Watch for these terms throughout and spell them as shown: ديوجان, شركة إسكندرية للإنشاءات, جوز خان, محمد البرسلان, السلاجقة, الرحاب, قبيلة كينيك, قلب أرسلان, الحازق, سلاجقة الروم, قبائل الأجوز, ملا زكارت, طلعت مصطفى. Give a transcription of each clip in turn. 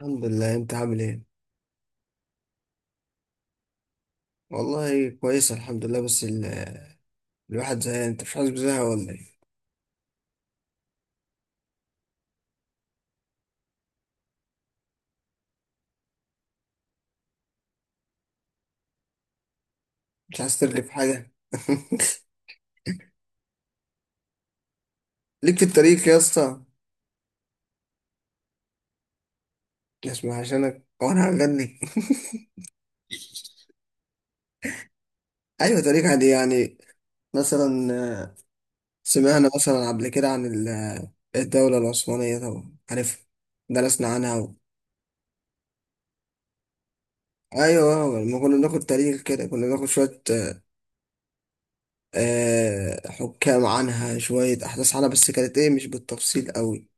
الحمد لله، انت عامل ايه؟ والله كويس الحمد لله. بس الواحد زهقان. انت مش حاسس بزهق ولا ايه؟ مش عايز ترغي في حاجه؟ ليك في التاريخ يا اسطى. اسمع عشانك، هو انا هغني؟ ايوه تاريخ عادي يعني. مثلا، آه، سمعنا مثلا قبل كده عن الدوله العثمانيه طبعا عارف. درسنا عنها ايوه لما كنا بناخد تاريخ كده، كنا بناخد شويه حكام عنها، شويه احداث عنها، بس كانت ايه مش بالتفصيل قوي.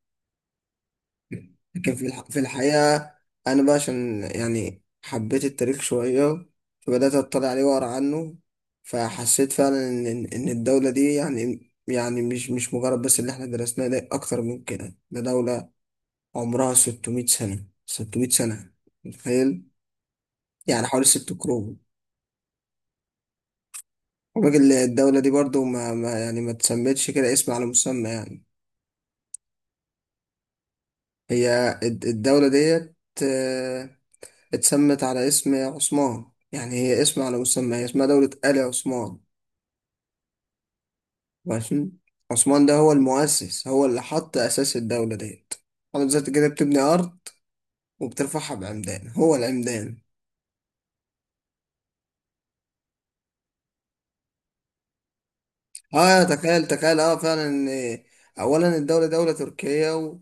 لكن في الحقيقة أنا بقى عشان يعني حبيت التاريخ شوية، فبدأت أطلع عليه وأقرأ عنه. فحسيت فعلا إن الدولة دي يعني، يعني مش مجرد بس اللي إحنا درسناه ده، أكتر من كده. ده دولة عمرها 600 سنة، 600 سنة. متخيل؟ يعني حوالي ست قرون. الراجل الدولة دي برضو ما تسمتش كده اسم على مسمى يعني. هي الدولة ديت اتسمت على اسم عثمان. يعني هي اسم على مسمى، هي اسمها دولة آل عثمان. ماشي. عثمان ده هو المؤسس، هو اللي حط أساس الدولة ديت. حضرتك زي كده بتبني أرض وبترفعها بعمدان، هو العمدان. اه تخيل، تخيل اه فعلا ان أولا الدولة دولة تركية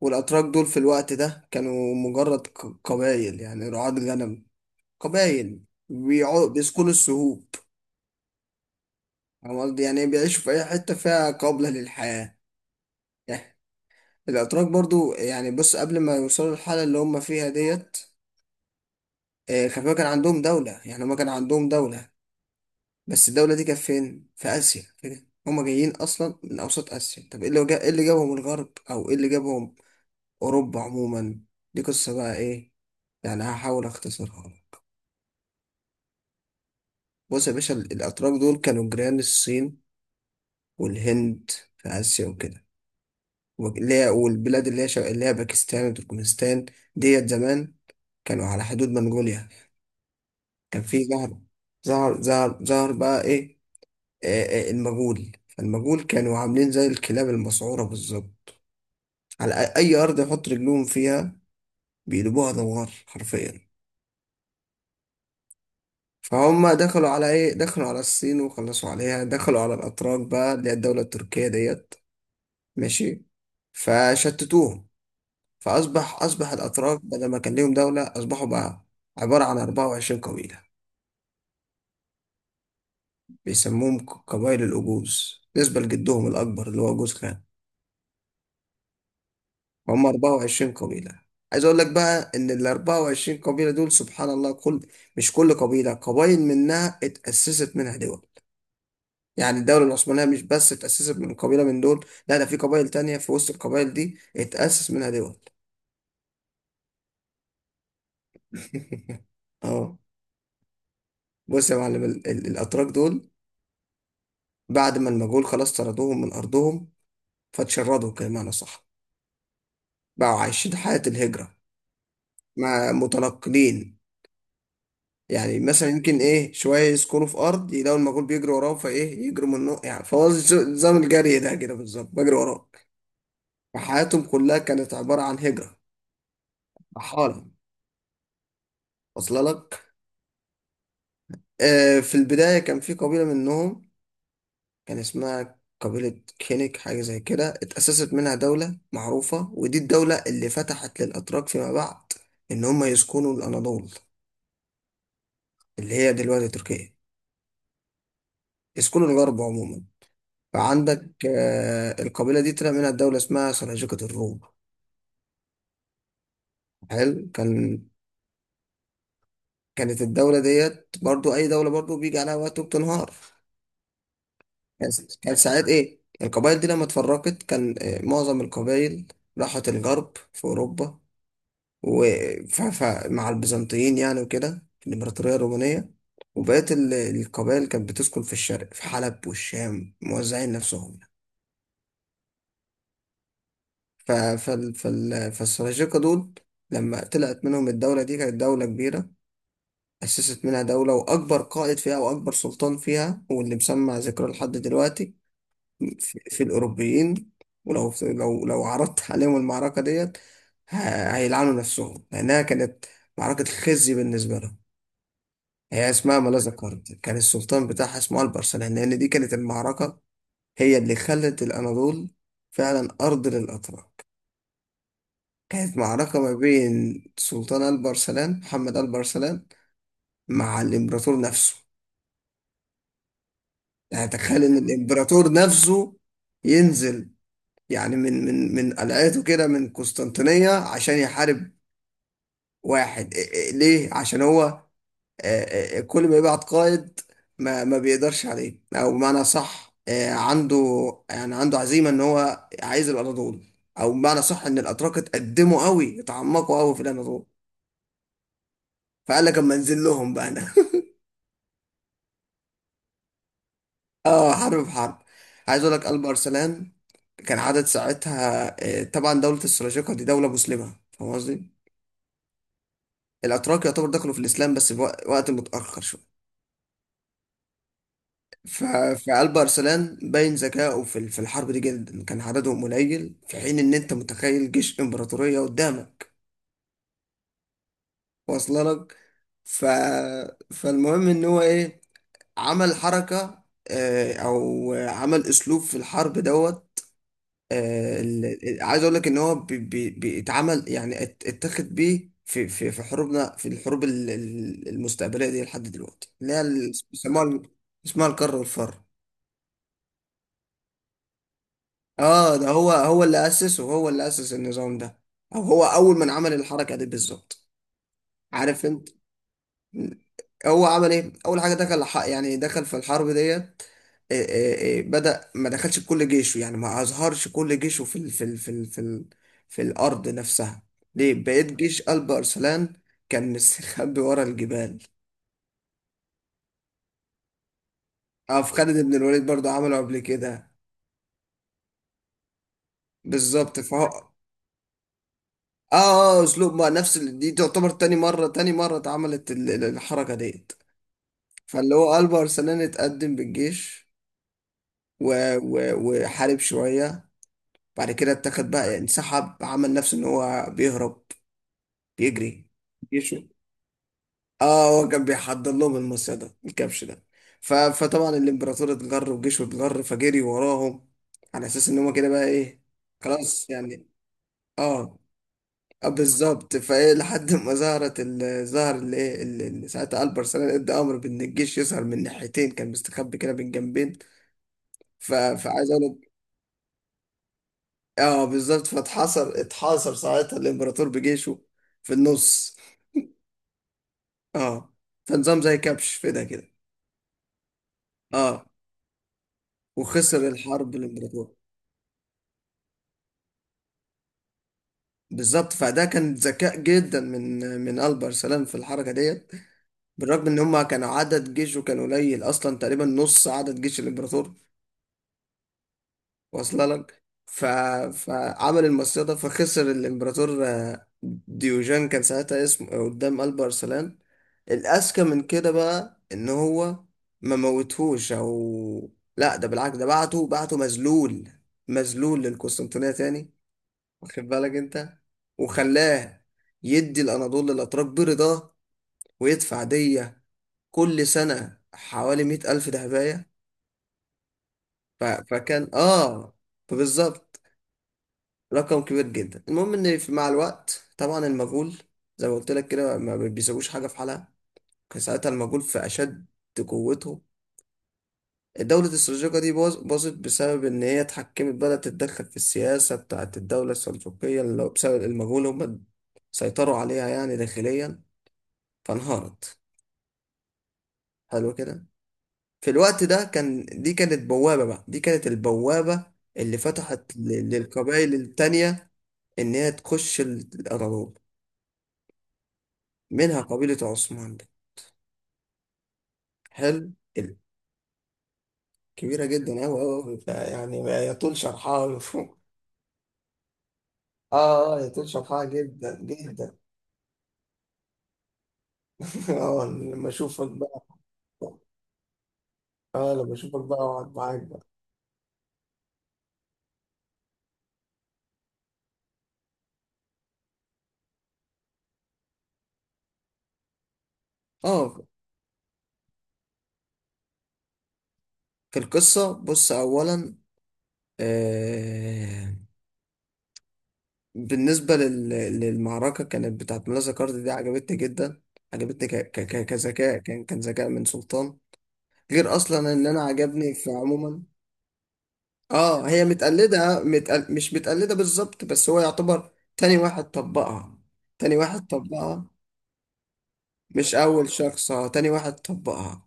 والأتراك دول في الوقت ده كانوا مجرد قبائل، يعني رعاة غنم، قبائل بيسكنوا السهوب. فاهم قصدي؟ يعني بيعيشوا في أي حتة فيها قابلة للحياة. الأتراك برضو يعني بص، قبل ما يوصلوا للحالة اللي هم فيها ديت، خلي بالك كان عندهم دولة. يعني هم كان عندهم دولة، بس الدولة دي كانت فين؟ في آسيا كده. هم جايين أصلا من أوسط آسيا. طب إيه إيه اللي جابهم الغرب، أو إيه اللي جابهم أوروبا عموما؟ دي قصة بقى إيه. يعني هحاول أختصرها لك. بص يا باشا، الأتراك دول كانوا جيران الصين والهند في آسيا وكده، اللي هي والبلاد اللي هي اللي هي باكستان وتركمانستان ديت زمان. كانوا على حدود منغوليا. كان في زهرة، زهر بقى إيه. المجهول، فالمجهول كانوا عاملين زي الكلاب المسعورة بالظبط. على أي أرض يحط رجلهم فيها بيدوبوها دوار حرفيا. فهم دخلوا على إيه؟ دخلوا على الصين وخلصوا عليها، دخلوا على الأتراك بقى اللي هي الدولة التركية ديت. ماشي. فشتتوهم. فأصبح الأتراك بدل ما كان ليهم دولة، أصبحوا بقى عبارة عن 24 قبيلة. بيسموهم قبائل الأجوز بالنسبة لجدهم الأكبر اللي هو جوز خان. هم 24 قبيلة. عايز اقول لك بقى ان ال 24 قبيلة دول سبحان الله كل، مش كل قبيلة، قبائل منها اتأسست منها دول. يعني الدولة العثمانية مش بس اتأسست من قبيلة من دول، لا ده في قبائل تانية في وسط القبائل دي اتأسس منها دول. اه بص يا معلم، ال الاتراك دول بعد ما المغول خلاص طردوهم من ارضهم، فتشردوا كمان صح. بقوا عايشين حياة الهجرة، ما متنقلين. يعني مثلا يمكن ايه شويه يسكنوا في ارض، يلاقوا المجهول بيجري وراهم، فايه يجروا منه يعني. فهو نظام الجري ده كده بالظبط، بجري وراك. فحياتهم كلها كانت عباره عن هجره، رحاله. واصله لك. آه في البدايه كان في قبيله منهم، كان اسمها قبيله كينيك حاجه زي كده، اتاسست منها دوله معروفه، ودي الدوله اللي فتحت للاتراك فيما بعد ان هم يسكنوا الاناضول اللي هي دلوقتي تركيا، يسكنوا الغرب عموما. فعندك القبيلة دي طلع منها دولة اسمها سلاجقة الروم. حلو. كانت الدولة ديت برضو، أي دولة برضو بيجي عليها وقت وبتنهار. كان كان ساعات إيه القبائل دي لما اتفرقت كان معظم القبائل راحت الغرب في أوروبا ومع البيزنطيين يعني وكده، في الإمبراطورية الرومانية. وبقيت القبائل كانت بتسكن في الشرق في حلب والشام، موزعين نفسهم. ف فالسلاجقة دول لما طلعت منهم الدولة دي، كانت دولة كبيرة. أسست منها دولة، وأكبر قائد فيها وأكبر سلطان فيها واللي مسمع ذكره لحد دلوقتي في الأوروبيين، ولو لو لو عرضت عليهم المعركة ديت هيلعنوا نفسهم لأنها كانت معركة خزي بالنسبة لهم. هي اسمها ما لا ذكرت، كان السلطان بتاعها اسمه البرسلان، لأن دي كانت المعركة هي اللي خلت الأناضول فعلا أرض للأتراك. كانت معركة ما بين سلطان البرسلان، محمد البرسلان، مع الإمبراطور نفسه. يعني تخيل إن الإمبراطور نفسه ينزل، يعني من قلعته كده من قسطنطينية عشان يحارب واحد. ليه؟ عشان هو كل ما يبعت قائد ما بيقدرش عليه. أو بمعنى صح عنده يعني عنده عزيمة إن هو عايز الأناضول، أو بمعنى صح إن الأتراك اتقدموا قوي، اتعمقوا قوي في الأناضول. فقال لك أما أنزل لهم بقى أنا. اه حرب بحرب. عايز اقول لك قلب ارسلان كان عدد ساعتها طبعا دولة السلاجقة دي دولة مسلمة، فاهم قصدي؟ الاتراك يعتبر دخلوا في الاسلام بس في وقت متاخر شويه. ف- فقلب ارسلان باين ذكائه في في الحرب دي جدا. كان عددهم قليل، في حين ان انت متخيل جيش امبراطورية قدامك. واصله لك. ف... فالمهم ان هو ايه، عمل حركة، او عمل اسلوب في الحرب دوت. عايز اقول لك ان هو بيتعمل يعني، اتخذ بيه في حروبنا، في الحروب المستقبليه دي لحد دلوقتي، اللي هي اسمها الكر والفر. اه ده هو اللي اسس، وهو اللي اسس النظام ده، او هو اول من عمل الحركه دي بالظبط. عارف انت هو عمل ايه اول حاجه؟ دخل يعني دخل في الحرب ديت. إيه إيه إيه، بدأ ما دخلش بكل جيشه، يعني ما أظهرش كل جيشه في ال في الأرض نفسها. ليه؟ بقيت جيش قلب أرسلان كان مستخبي ورا الجبال. اه، في خالد بن الوليد برضه عمله قبل كده بالظبط. فهو اه، اه اسلوب ما، نفس دي تعتبر تاني مرة اتعملت الحركة ديت. فاللي هو قلب أرسلان اتقدم بالجيش و... وحارب شوية. بعد كده اتاخد بقى، انسحب، عمل نفسه ان هو بيهرب، بيجري. يشوي. اه، هو كان بيحضر لهم المصيع ده، الكبش ده. فطبعا الامبراطور اتجر، وجيشه اتجر، فجري وراهم على اساس ان هما كده بقى ايه، خلاص يعني. اه، آه بالظبط. فايه لحد ما ظهرت ظهر اللي ايه، اللي اللي ساعتها البر سلام ادى امر بان الجيش يظهر من ناحيتين، كان مستخبي كده من جنبين. فعايز اقول لك، اه بالظبط. اتحاصر ساعتها الامبراطور بجيشه في النص. اه، فنظام زي كبش في ده كده. اه، وخسر الحرب الامبراطور. بالظبط. فده كان ذكاء جدا من البر سلام في الحركه ديت، بالرغم ان هم كانوا عدد جيشه كان قليل اصلا، تقريبا نص عدد جيش الامبراطور. واصله لك. فعمل المصيدة ده، فخسر الامبراطور. ديوجان كان ساعتها اسمه، قدام قلب ارسلان. الاذكى من كده بقى ان هو ما موتهوش، او لا ده بالعكس، ده بعته مذلول، مذلول للقسطنطينية تاني. واخد بالك انت؟ وخلاه يدي الاناضول للاتراك برضاه، ويدفع دية كل سنة حوالي مئة ألف دهباية. فكان اه، بالظبط رقم كبير جدا. المهم ان مع الوقت طبعا المجهول زي ما قلت لك كده ما بيسويش حاجه في حالها. كان ساعتها المجهول في اشد قوته. الدولة السلجوقة دي باظت بسبب إن هي اتحكمت، بدأت تتدخل في السياسة بتاعت الدولة السلجوقية، اللي هو بسبب المجهول هم سيطروا عليها يعني داخليا، فانهارت. حلو كده. في الوقت ده كان دي كانت بوابة بقى، دي كانت البوابة اللي فتحت للقبائل التانية إن هي تخش الأراضي، منها قبيلة عثمان دي. حلو. ال- كبيرة جدا أوي أوي يعني، ما يطول شرحها. يطول شرحها جدا جدا. آه لما أشوفك بقى. آه لما أشوفك بقى أقعد معاك بقى. آه في القصة، بص أولا، آه بالنسبة للمعركة كانت بتاعت ملا زكارت دي، عجبتني جدا. عجبتني كذكاء، كان ذكاء من سلطان، غير أصلا إن أنا عجبني في عموما. اه هي متقلدة، مش متقلدة بالظبط، بس هو يعتبر تاني واحد طبقها، تاني واحد طبقها. مش أول شخص، اه تاني واحد طبقها.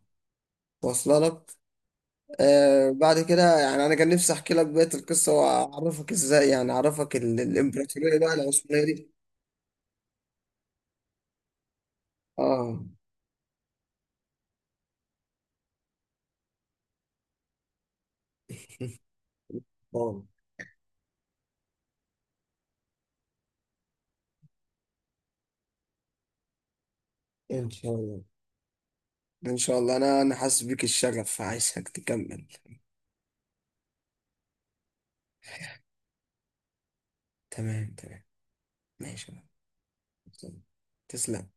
واصلة لك. آه بعد كده يعني أنا كان نفسي أحكي لك بقية القصة، وأعرفك إزاي يعني أعرفك الإمبراطورية بقى العثمانية دي. اه. اه إن شاء الله، إن شاء الله. أنا حاسس بيك الشغف، عايزك تكمل. تمام، تمام. ماشي. تسلم.